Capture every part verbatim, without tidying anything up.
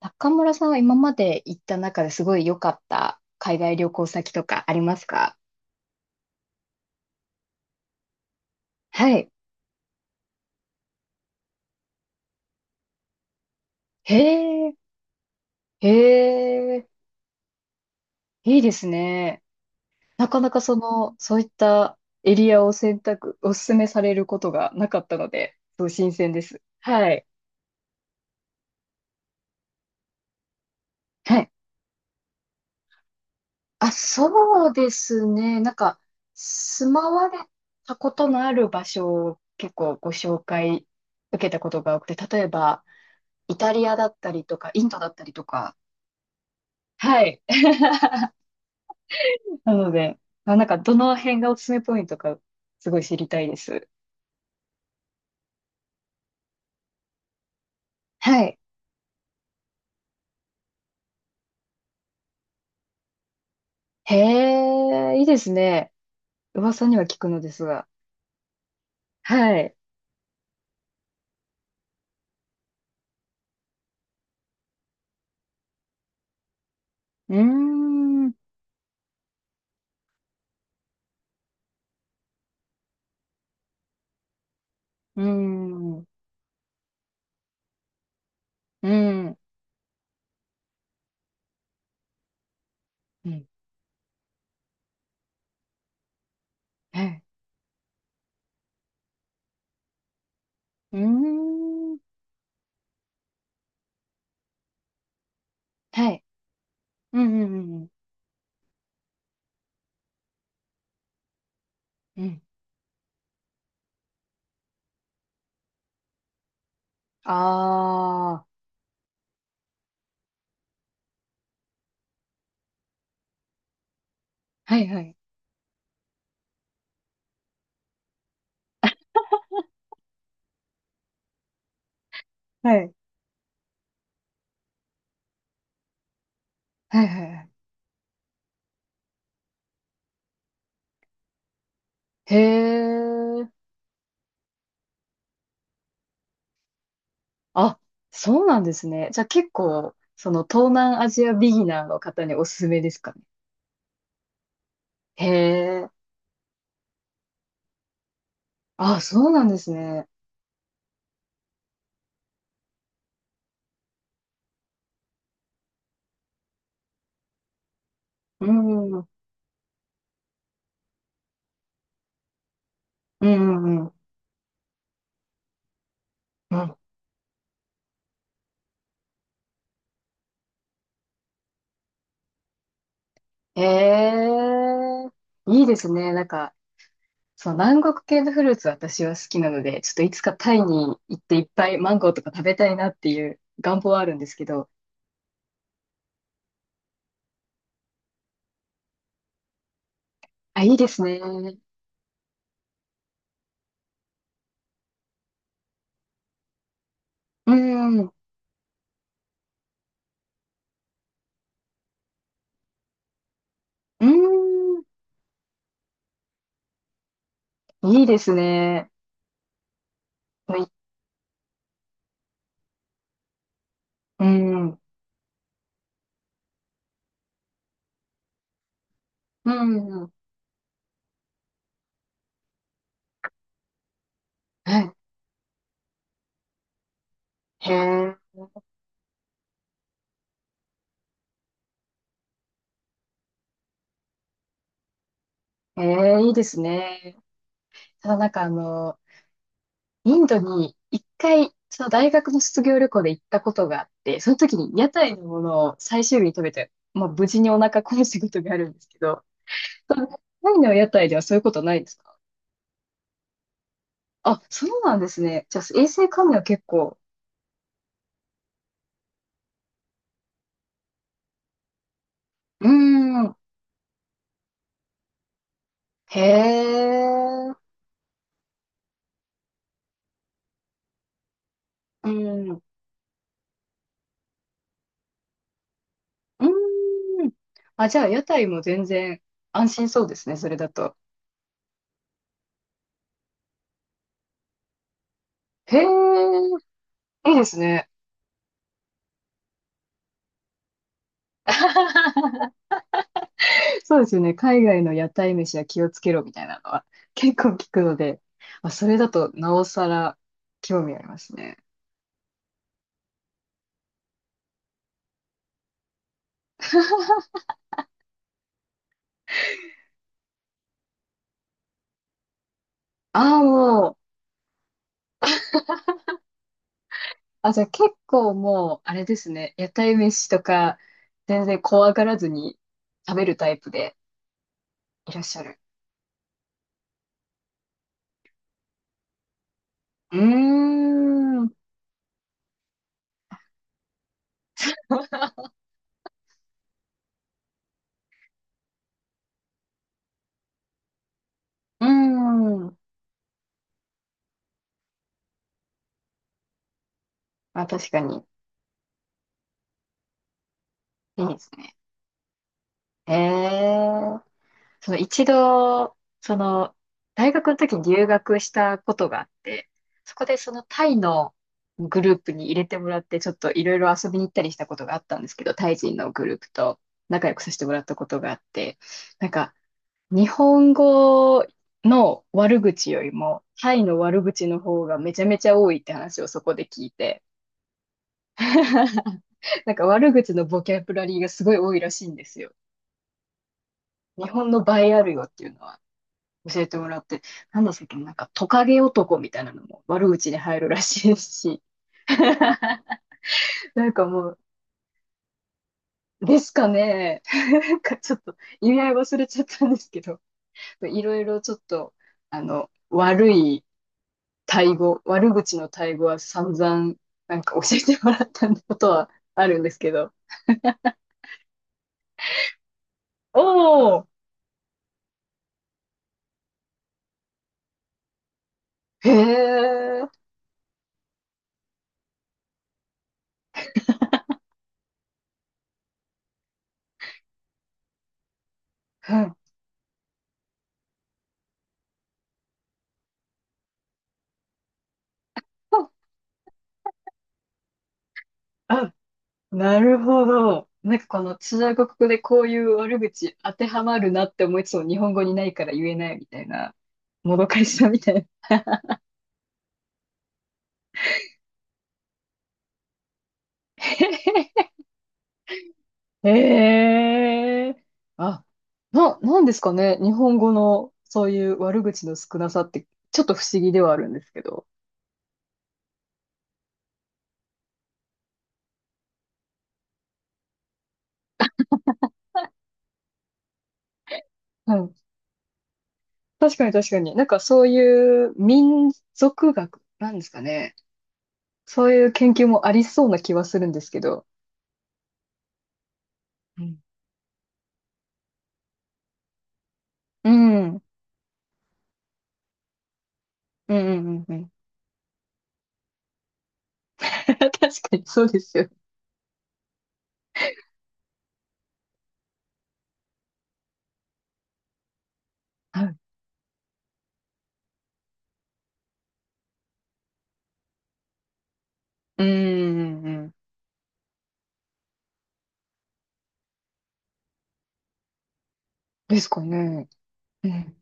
中村さんは今まで行った中ですごい良かった海外旅行先とかありますか？はい。へえ、へえ、いいですね。なかなかその、そういったエリアを選択、お勧めされることがなかったので、すごい新鮮です。はい。はい。あ、そうですね。なんか、住まわれたことのある場所を結構ご紹介受けたことが多くて、例えば、イタリアだったりとか、インドだったりとか、はい。なので、あ、なんかどの辺がおすすめポイントか、すごい知りたいです。はい。へえ、いいですね。噂には聞くのですが。はい。うーん、うーん、うーん、うん、はい。うーん、はい。うん、うん、うん、うん。うん、あー、はい、はい。はい。はい、はい、はい。へえ、あ、そうなんですね。じゃあ結構、その東南アジアビギナーの方におすすめですかね？へえ。あ、そうなんですね。うん。うんうんうん。うん。へえ。いいですね。なんか、そう、南国系のフルーツ私は好きなので、ちょっといつかタイに行っていっぱいマンゴーとか食べたいなっていう願望はあるんですけど。あ、いいですね。うん。うん。いいですね。はい。うん。うん。はい。へえ。へえ、いいですね。ただなんかあの、インドに一回、その大学の卒業旅行で行ったことがあって、その時に屋台のものを最終日に食べて、まあ無事にお腹壊したことがあるんですけど、そのタイの屋台ではそういうことないですか？あ、そうなんですね。じゃあ衛生管理は結構、うーん、へえ、うん、うーん。あ、じゃあ屋台も全然安心そうですね、それだと。へえ、いいですね。そうですよね。海外の屋台飯は気をつけろみたいなのは結構聞くので、まあ、それだとなおさら興味ありますね。ああ、もう、あ、じゃあ結構もう、あれですね。屋台飯とか、全然怖がらずに食べるタイプでいらっしゃる。うーん、うーん。まあ、確かに。いいですね。ええ、その一度、その、大学の時に留学したことがあって、そこでそのタイのグループに入れてもらって、ちょっといろいろ遊びに行ったりしたことがあったんですけど、タイ人のグループと仲良くさせてもらったことがあって、なんか、日本語の悪口よりも、タイの悪口の方がめちゃめちゃ多いって話をそこで聞いて、なんか悪口のボキャブラリーがすごい多いらしいんですよ。日本の倍あるよっていうのは。教えてもらって、なんだっけ、なんかトカゲ男みたいなのも悪口に入るらしいし、なんかもう、ですかね、なんかちょっと意味合い忘れちゃったんですけど、いろいろちょっと、あの、悪い対語、悪口の対語は散々、なんか教えてもらったことはあるんですけど、おー、へー、うん、あ、なるほど。なんかこの中国語でこういう悪口当てはまるなって思いつつも日本語にないから言えないみたいな、もどかしさみたいな。ええ、あ、な、なんですかね。日本語のそういう悪口の少なさって、ちょっと不思議ではあるんですけど。うん。確かに確かに。なんかそういう民族学なんですかね。そういう研究もありそうな気はするんですけど。うん。うん。うんうんうんうん。確かにそうですよ。はい。うんうんうん、ですかね。うん。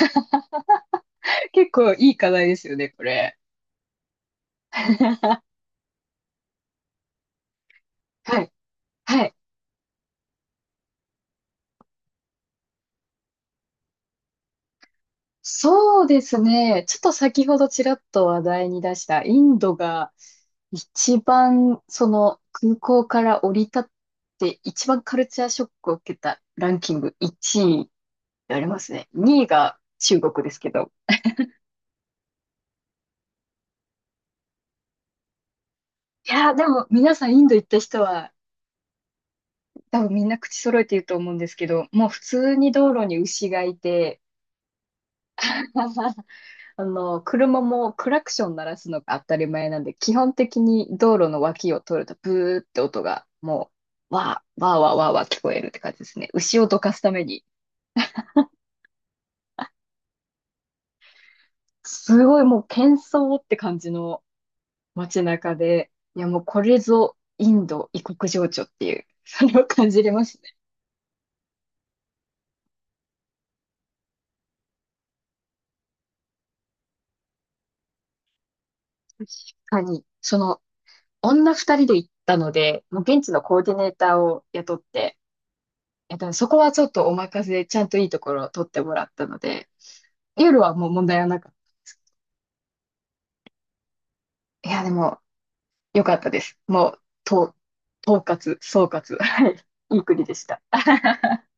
結構いい課題ですよね、これ。はい。はい。そうですね。ちょっと先ほどちらっと話題に出したインドが一番その空港から降り立って一番カルチャーショックを受けたランキングいちいでありますね。にいが中国ですけど。いやーでも皆さんインド行った人は多分みんな口揃えて言うと思うんですけど、もう普通に道路に牛がいて、あの、車もクラクション鳴らすのが当たり前なんで、基本的に道路の脇を通るとブーって音がもう、わー、わーわーわーわー聞こえるって感じですね。牛をどかすために。すごいもう喧騒って感じの街中で、いやもうこれぞインド異国情緒っていう、それを感じれますね。確かに、その女二人で行ったので、もう現地のコーディネーターを雇って、えっとね、そこはちょっとお任せでちゃんといいところを取ってもらったので、夜はもう問題はなかった。いや、でも、良かったです。もう、と、統括、総括。はい。いい国でした。